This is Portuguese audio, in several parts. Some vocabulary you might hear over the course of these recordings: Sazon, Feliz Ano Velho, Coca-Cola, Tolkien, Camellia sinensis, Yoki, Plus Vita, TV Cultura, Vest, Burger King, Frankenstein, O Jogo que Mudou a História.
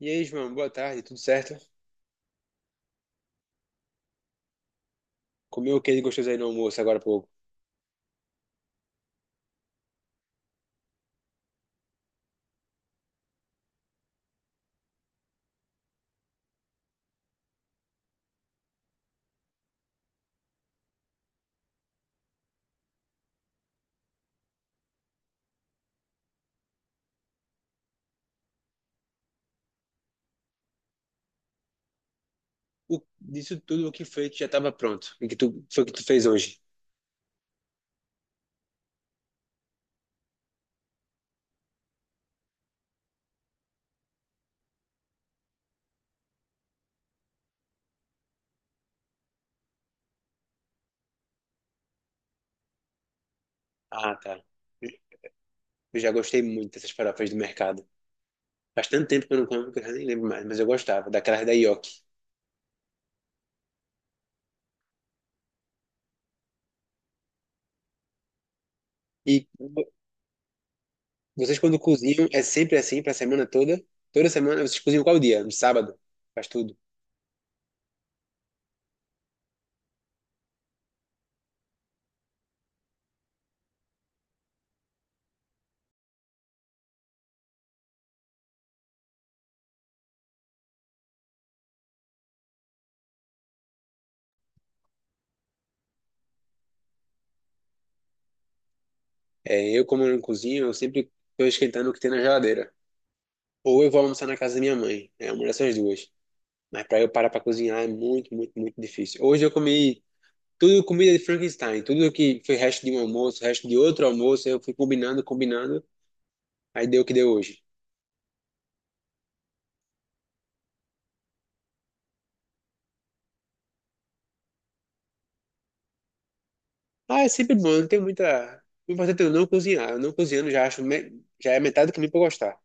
E aí, João, boa tarde, tudo certo? Comeu o que ele gostoso aí no almoço agora há pouco? O, disso tudo, o que foi que já estava pronto? O que tu, foi que tu fez hoje? Ah, tá. Eu já gostei muito dessas farofas do mercado. Faz tanto tempo que eu não como que eu já nem lembro mais, mas eu gostava, daquelas da Yoki. E vo- Vocês quando cozinham, é sempre assim pra semana toda? Toda semana? Vocês cozinham qual dia? No sábado? Faz tudo. É, eu como eu não cozinho, eu sempre tô esquentando o que tem na geladeira. Ou eu vou almoçar na casa da minha mãe. É uma dessas duas. Mas para eu parar para cozinhar é muito, muito, muito difícil. Hoje eu comi tudo comida de Frankenstein, tudo que foi resto de um almoço, resto de outro almoço, eu fui combinando, combinando, aí deu o que deu hoje. Ah, é sempre bom, não tem muita. O importante é eu não cozinhar. Eu não cozinhando já acho já é metade do caminho para gostar.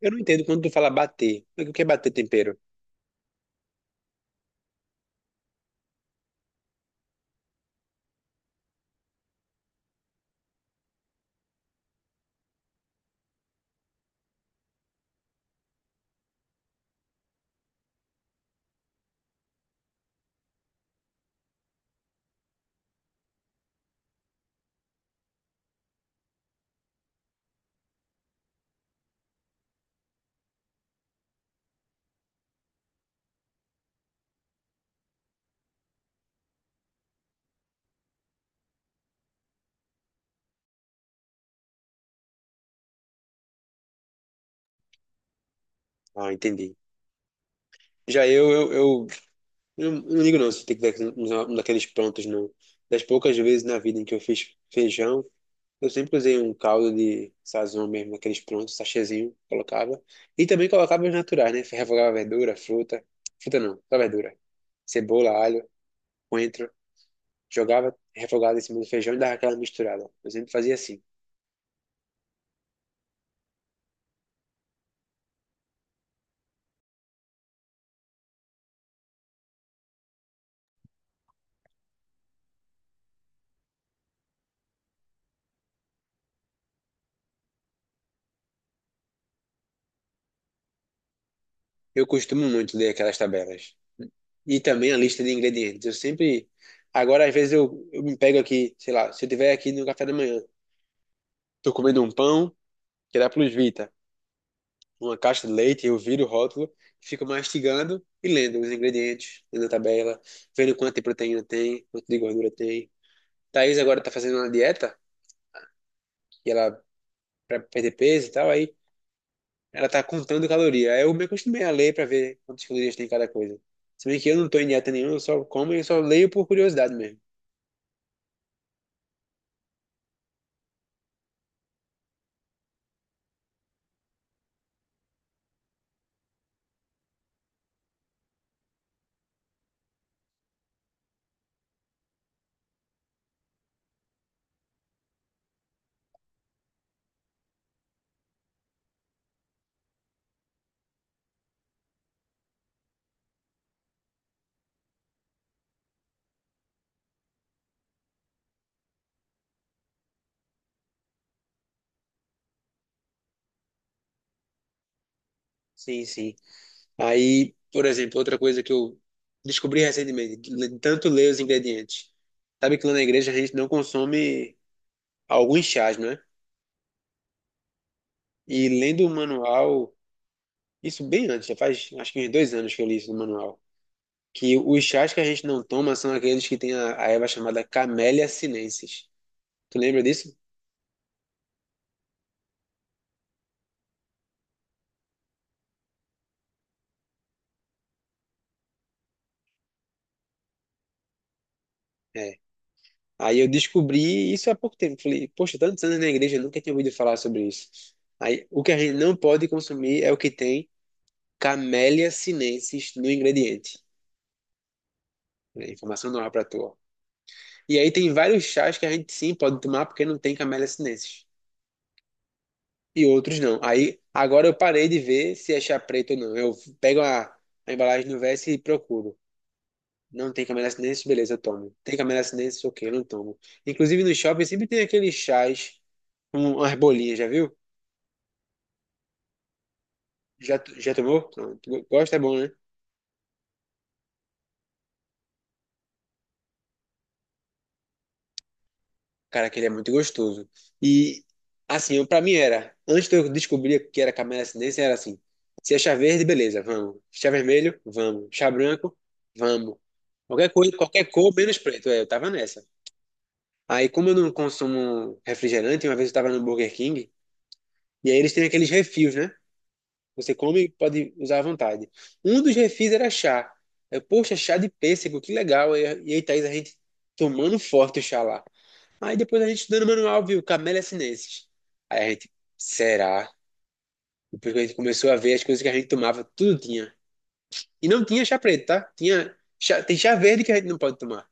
Eu não entendo quando tu fala bater. O que é bater tempero? Ah, entendi. Já eu não ligo não se tem que dar um daqueles prontos, não. Das poucas vezes na vida em que eu fiz feijão, eu sempre usei um caldo de sazon mesmo, aqueles prontos, sachêzinho, colocava. E também colocava os naturais, né? Refogava verdura, fruta. Fruta não, só verdura. Cebola, alho, coentro. Jogava refogado em cima do feijão e dava aquela misturada. Eu sempre fazia assim. Eu costumo muito ler aquelas tabelas. E também a lista de ingredientes. Eu sempre. Agora, às vezes, eu me pego aqui, sei lá, se eu tiver aqui no café da manhã, tô comendo um pão, que dá plus vita. Uma caixa de leite, eu viro o rótulo, fico mastigando e lendo os ingredientes, lendo a tabela, vendo quanto de proteína tem, quanto de gordura tem. Thaís agora tá fazendo uma dieta, e ela para perder peso e tal, aí ela tá contando caloria. Aí eu me acostumei a ler para ver quantas calorias tem cada coisa. Se bem que eu não tô em dieta nenhuma, eu só como e só leio por curiosidade mesmo. Sim, sim. Aí, por exemplo, outra coisa que eu descobri recentemente, de tanto ler os ingredientes. Sabe que lá na igreja a gente não consome alguns chás, né? E lendo o manual, isso bem antes, já faz acho que uns 2 anos que eu li isso no manual, que os chás que a gente não toma são aqueles que tem a erva chamada Camellia sinensis. Tu lembra disso? É. Aí eu descobri isso há pouco tempo. Falei, poxa, tantos anos na igreja, eu nunca tinha ouvido falar sobre isso. Aí o que a gente não pode consumir é o que tem Camellia sinensis no ingrediente. É, informação nova pra tu, ó. E aí tem vários chás que a gente sim pode tomar porque não tem Camellia sinensis. E outros não. Aí agora eu parei de ver se achar preto ou não. Eu pego a embalagem no Vest e procuro. Não tem Camélia Sinensis, beleza, eu tomo. Tem Camélia Sinensis, ok, eu não tomo. Inclusive no shopping sempre tem aqueles chás com umas bolinhas, já viu? Já, já tomou? Não, tu gosta, é bom, né? Cara, aquele é muito gostoso. E assim, pra mim era, antes de eu descobrir que era Camélia Sinensis, era assim, se é chá verde, beleza, vamos. Chá vermelho, vamos. Chá branco, vamos. Qualquer coisa, qualquer cor, menos preto. É, eu tava nessa. Aí, como eu não consumo refrigerante, uma vez eu estava no Burger King, e aí eles têm aqueles refis, né? Você come e pode usar à vontade. Um dos refis era chá. Eu, poxa, chá de pêssego, que legal. E aí, Thaís, a gente tomando forte o chá lá. Aí depois a gente estudando o manual, viu? Camélia sinensis. Aí a gente, será? Depois que a gente começou a ver as coisas que a gente tomava, tudo tinha. E não tinha chá preto, tá? Tem chá verde que a gente não pode tomar.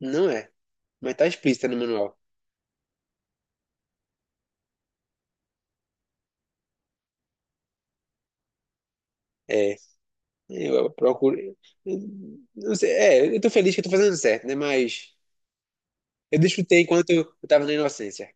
Não é, mas tá explícito no manual. É. Eu procuro. Não sei, é, eu tô feliz que eu tô fazendo certo, né? Mas eu desfrutei enquanto eu tava na inocência.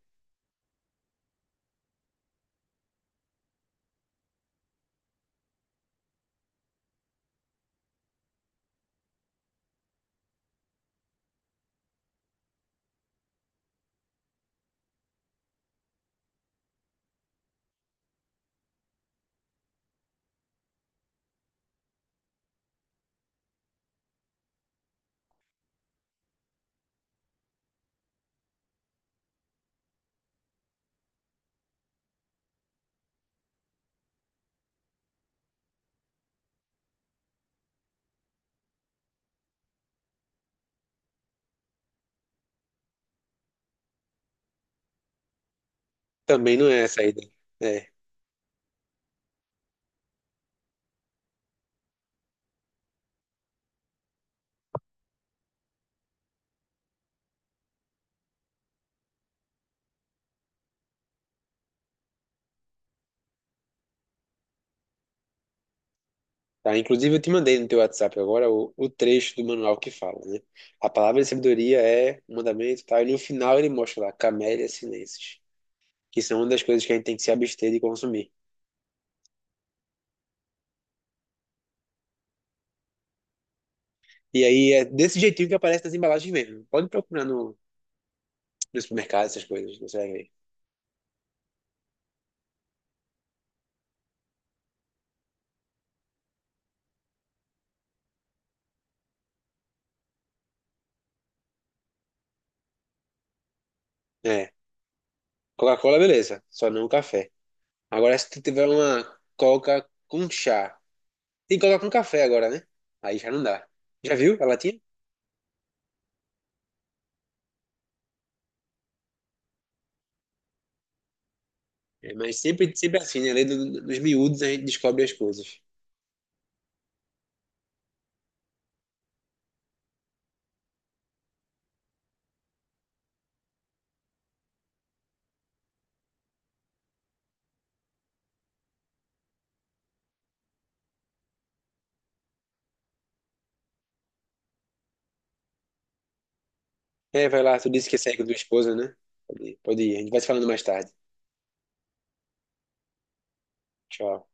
Também não é a saída. É. Tá, inclusive, eu te mandei no teu WhatsApp agora o trecho do manual que fala, né? A palavra de sabedoria é um mandamento e tal. E no final ele mostra lá, camélia sinensis, que são uma das coisas que a gente tem que se abster de consumir. E aí é desse jeitinho que aparece nas embalagens mesmo. Pode procurar no supermercado essas coisas, você vai ver. É. Coca-Cola, beleza. Só não café. Agora, se tu tiver uma coca com chá, tem coca com café agora, né? Aí já não dá. Já viu a latinha? É, mas sempre, sempre assim, né? Além dos miúdos, a gente descobre as coisas. É, vai lá, tu disse que ia sair com tua esposa, né? Pode ir, pode ir. A gente vai se falando mais tarde. Tchau.